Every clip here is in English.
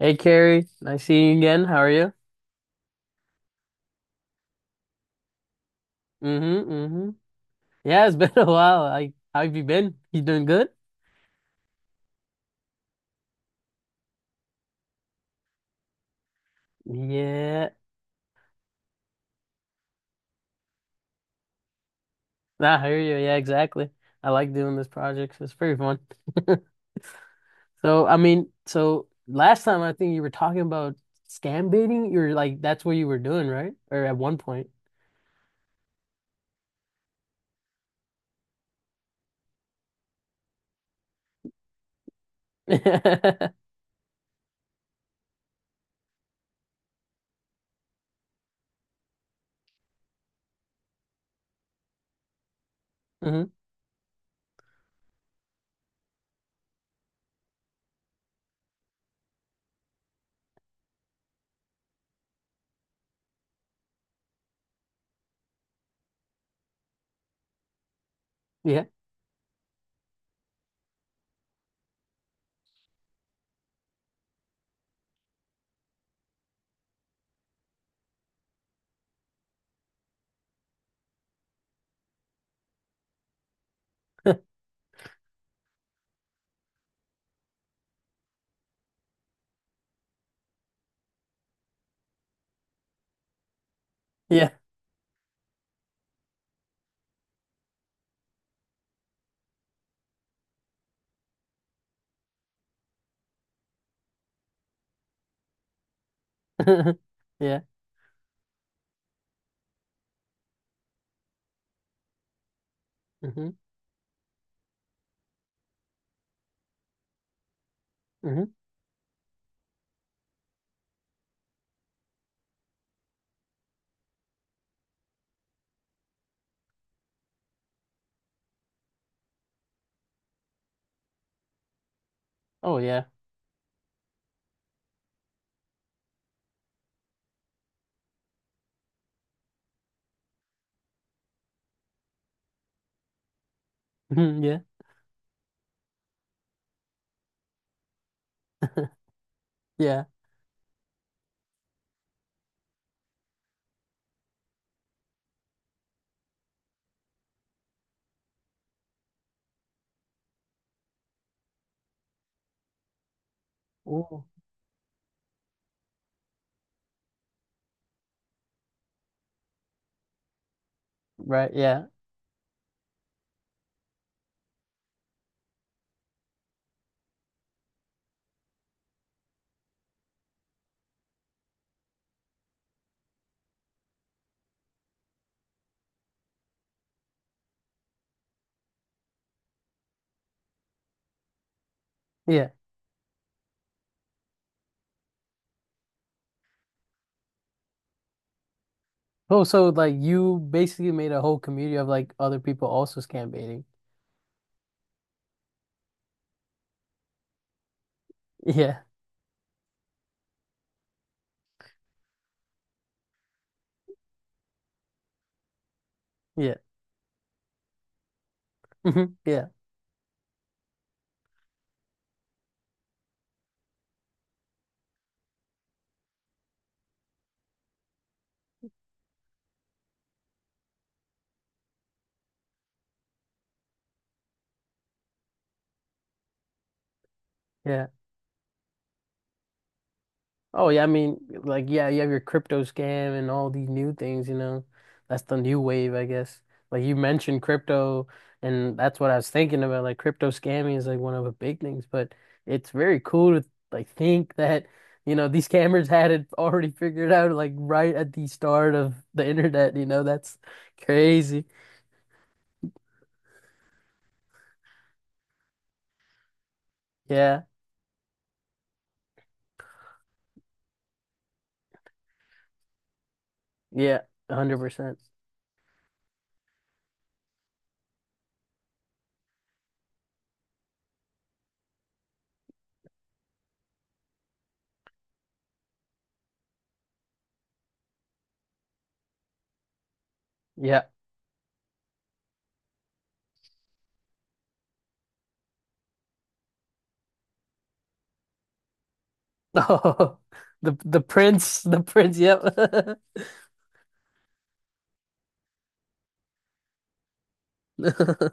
Hey Carrie, nice seeing you again. How are you? Mm-hmm, mm-hmm. Yeah, it's been a while. Like, how have you been? You doing good? Yeah, nah, I hear you. Yeah, exactly. I like doing this project. It's pretty fun. So last time I think you were talking about scam baiting. You're like, that's what you were doing, right? Or at one point. Hmm. Yeah. Yeah. Yeah. Hmm. Hmm. Oh yeah. Yeah. Yeah. Oh, right. Yeah. Yeah. Oh, so like you basically made a whole community of like other people also scam baiting. Yeah, yeah, mhm, yeah, yeah. Oh yeah, I mean, like yeah, you have your crypto scam and all these new things, you know. That's the new wave, I guess. Like you mentioned crypto, and that's what I was thinking about. Like crypto scamming is like one of the big things, but it's very cool to like think that, you know, these scammers had it already figured out like right at the start of the internet, you know, that's crazy. Yeah. Yeah, 100%. Yeah. Oh, the prince, the prince, yep. Mhm.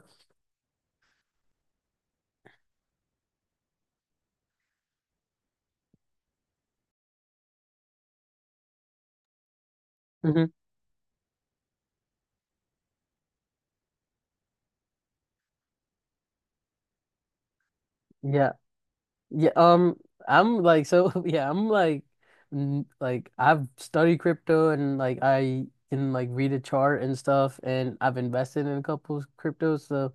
Yeah. Yeah, I'm like so yeah, I'm like like I've studied crypto and like I can like read a chart and stuff and I've invested in a couple of cryptos. So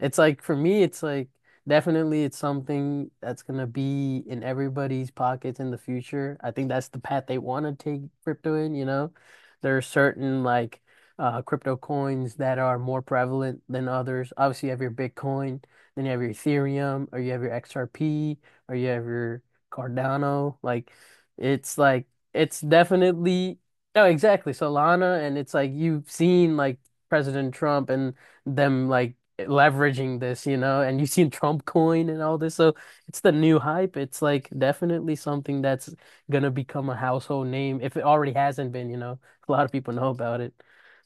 it's like for me it's like definitely it's something that's gonna be in everybody's pockets in the future. I think that's the path they want to take crypto in, you know. There are certain like crypto coins that are more prevalent than others. Obviously you have your Bitcoin, then you have your Ethereum or you have your XRP or you have your Cardano. Like it's definitely no, exactly Solana, and it's like you've seen like President Trump and them like leveraging this, you know, and you've seen Trump coin and all this. So it's the new hype. It's like definitely something that's gonna become a household name if it already hasn't been, you know. A lot of people know about it.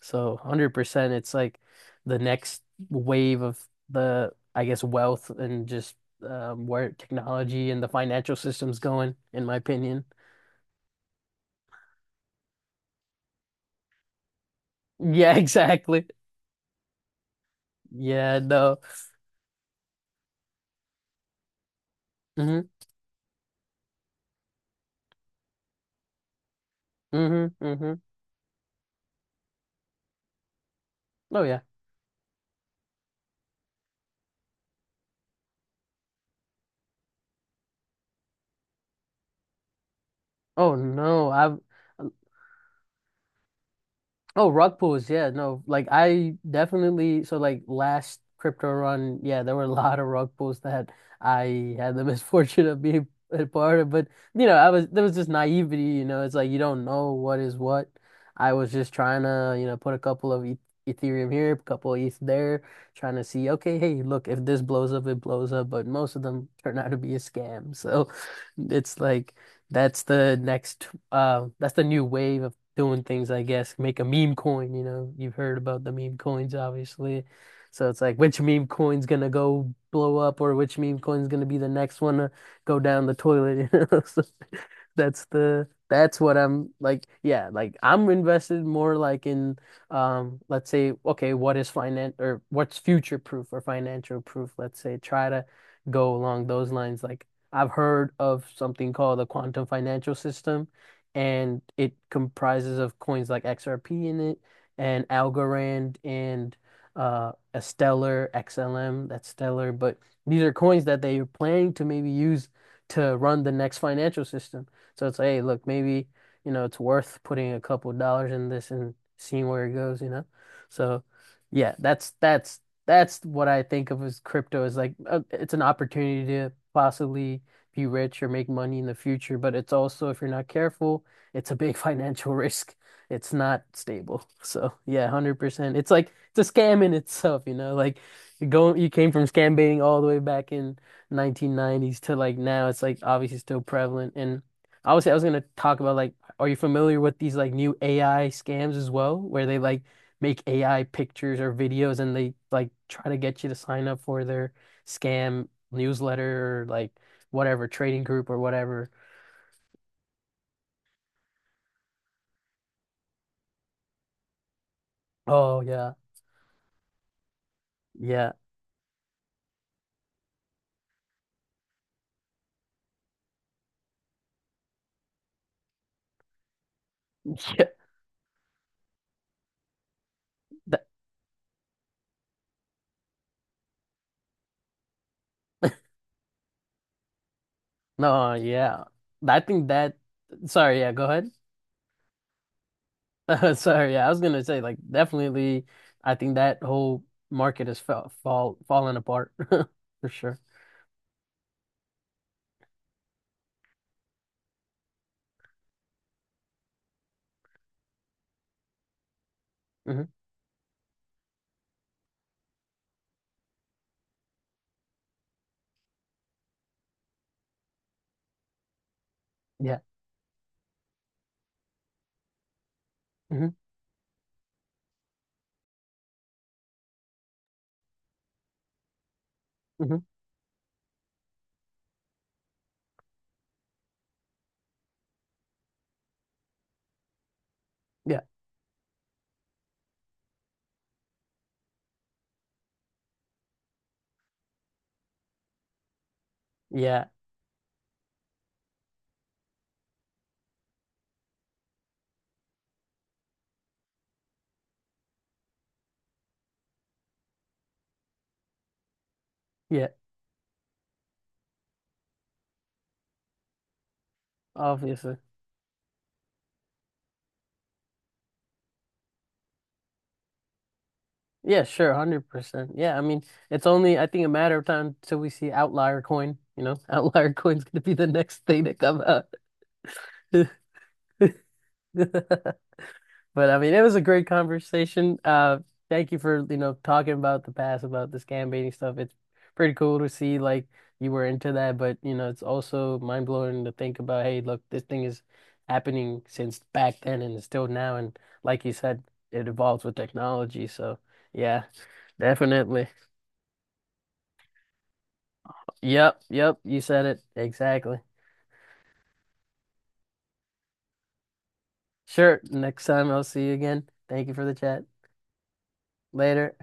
So 100% it's like the next wave of the I guess wealth and just where technology and the financial system's going, in my opinion. Yeah, exactly. Yeah, no. Mm-hmm. Mm-hmm. Mm-hmm. Oh yeah. Oh no. I've oh, rug pulls, yeah, no, like I definitely so like last crypto run, yeah, there were a lot of rug pulls that I had the misfortune of being a part of, but you know, I was there was just naivety, you know, it's like you don't know what is what. I was just trying to, you know, put a couple of Ethereum here, a couple of ETH there, trying to see, okay, hey, look, if this blows up, it blows up, but most of them turn out to be a scam, so it's like. That's the new wave of doing things, I guess, make a meme coin, you know. You've heard about the meme coins, obviously. So it's like which meme coin's gonna go blow up or which meme coin's gonna be the next one to go down the toilet, you know. That's what I'm like, yeah, like I'm invested more like in let's say, okay, what is finance or what's future proof or financial proof, let's say, try to go along those lines. Like I've heard of something called the quantum financial system and it comprises of coins like XRP in it and Algorand and a Stellar XLM. That's Stellar, but these are coins that they are planning to maybe use to run the next financial system. So it's like, hey, look, maybe you know it's worth putting a couple dollars in this and seeing where it goes, you know? So yeah, that's that's what I think of as crypto is like it's an opportunity to possibly be rich or make money in the future, but it's also if you're not careful it's a big financial risk. It's not stable. So yeah, 100%. It's like it's a scam in itself, you know? Like you go you came from scam baiting all the way back in 1990s to like now it's like obviously still prevalent. And obviously I was gonna talk about like are you familiar with these like new AI scams as well, where they like make AI pictures or videos and they like try to get you to sign up for their scam newsletter or like whatever trading group or whatever. Oh yeah. Yeah. That, no, yeah. I think that, sorry, yeah, go ahead. Sorry, yeah, I was gonna say, like, definitely, I think that whole market is falling apart for sure. Hmm. Yeah. Hmm. Hmm. Yeah. Yeah. Yeah. Obviously. Yeah, sure, 100%. Yeah, I mean, it's only, I think, a matter of time till we see outlier coin, you know, outlier coin's gonna be the next thing to come out. But I mean, it was a great conversation. Thank you for, you know, talking about the past, about the scam baiting stuff. It's pretty cool to see like you were into that, but you know, it's also mind blowing to think about, hey, look, this thing is happening since back then and it's still now. And like you said, it evolves with technology. So yeah, definitely. Yep, yep, you said it exactly. Sure. Next time I'll see you again. Thank you for the chat. Later.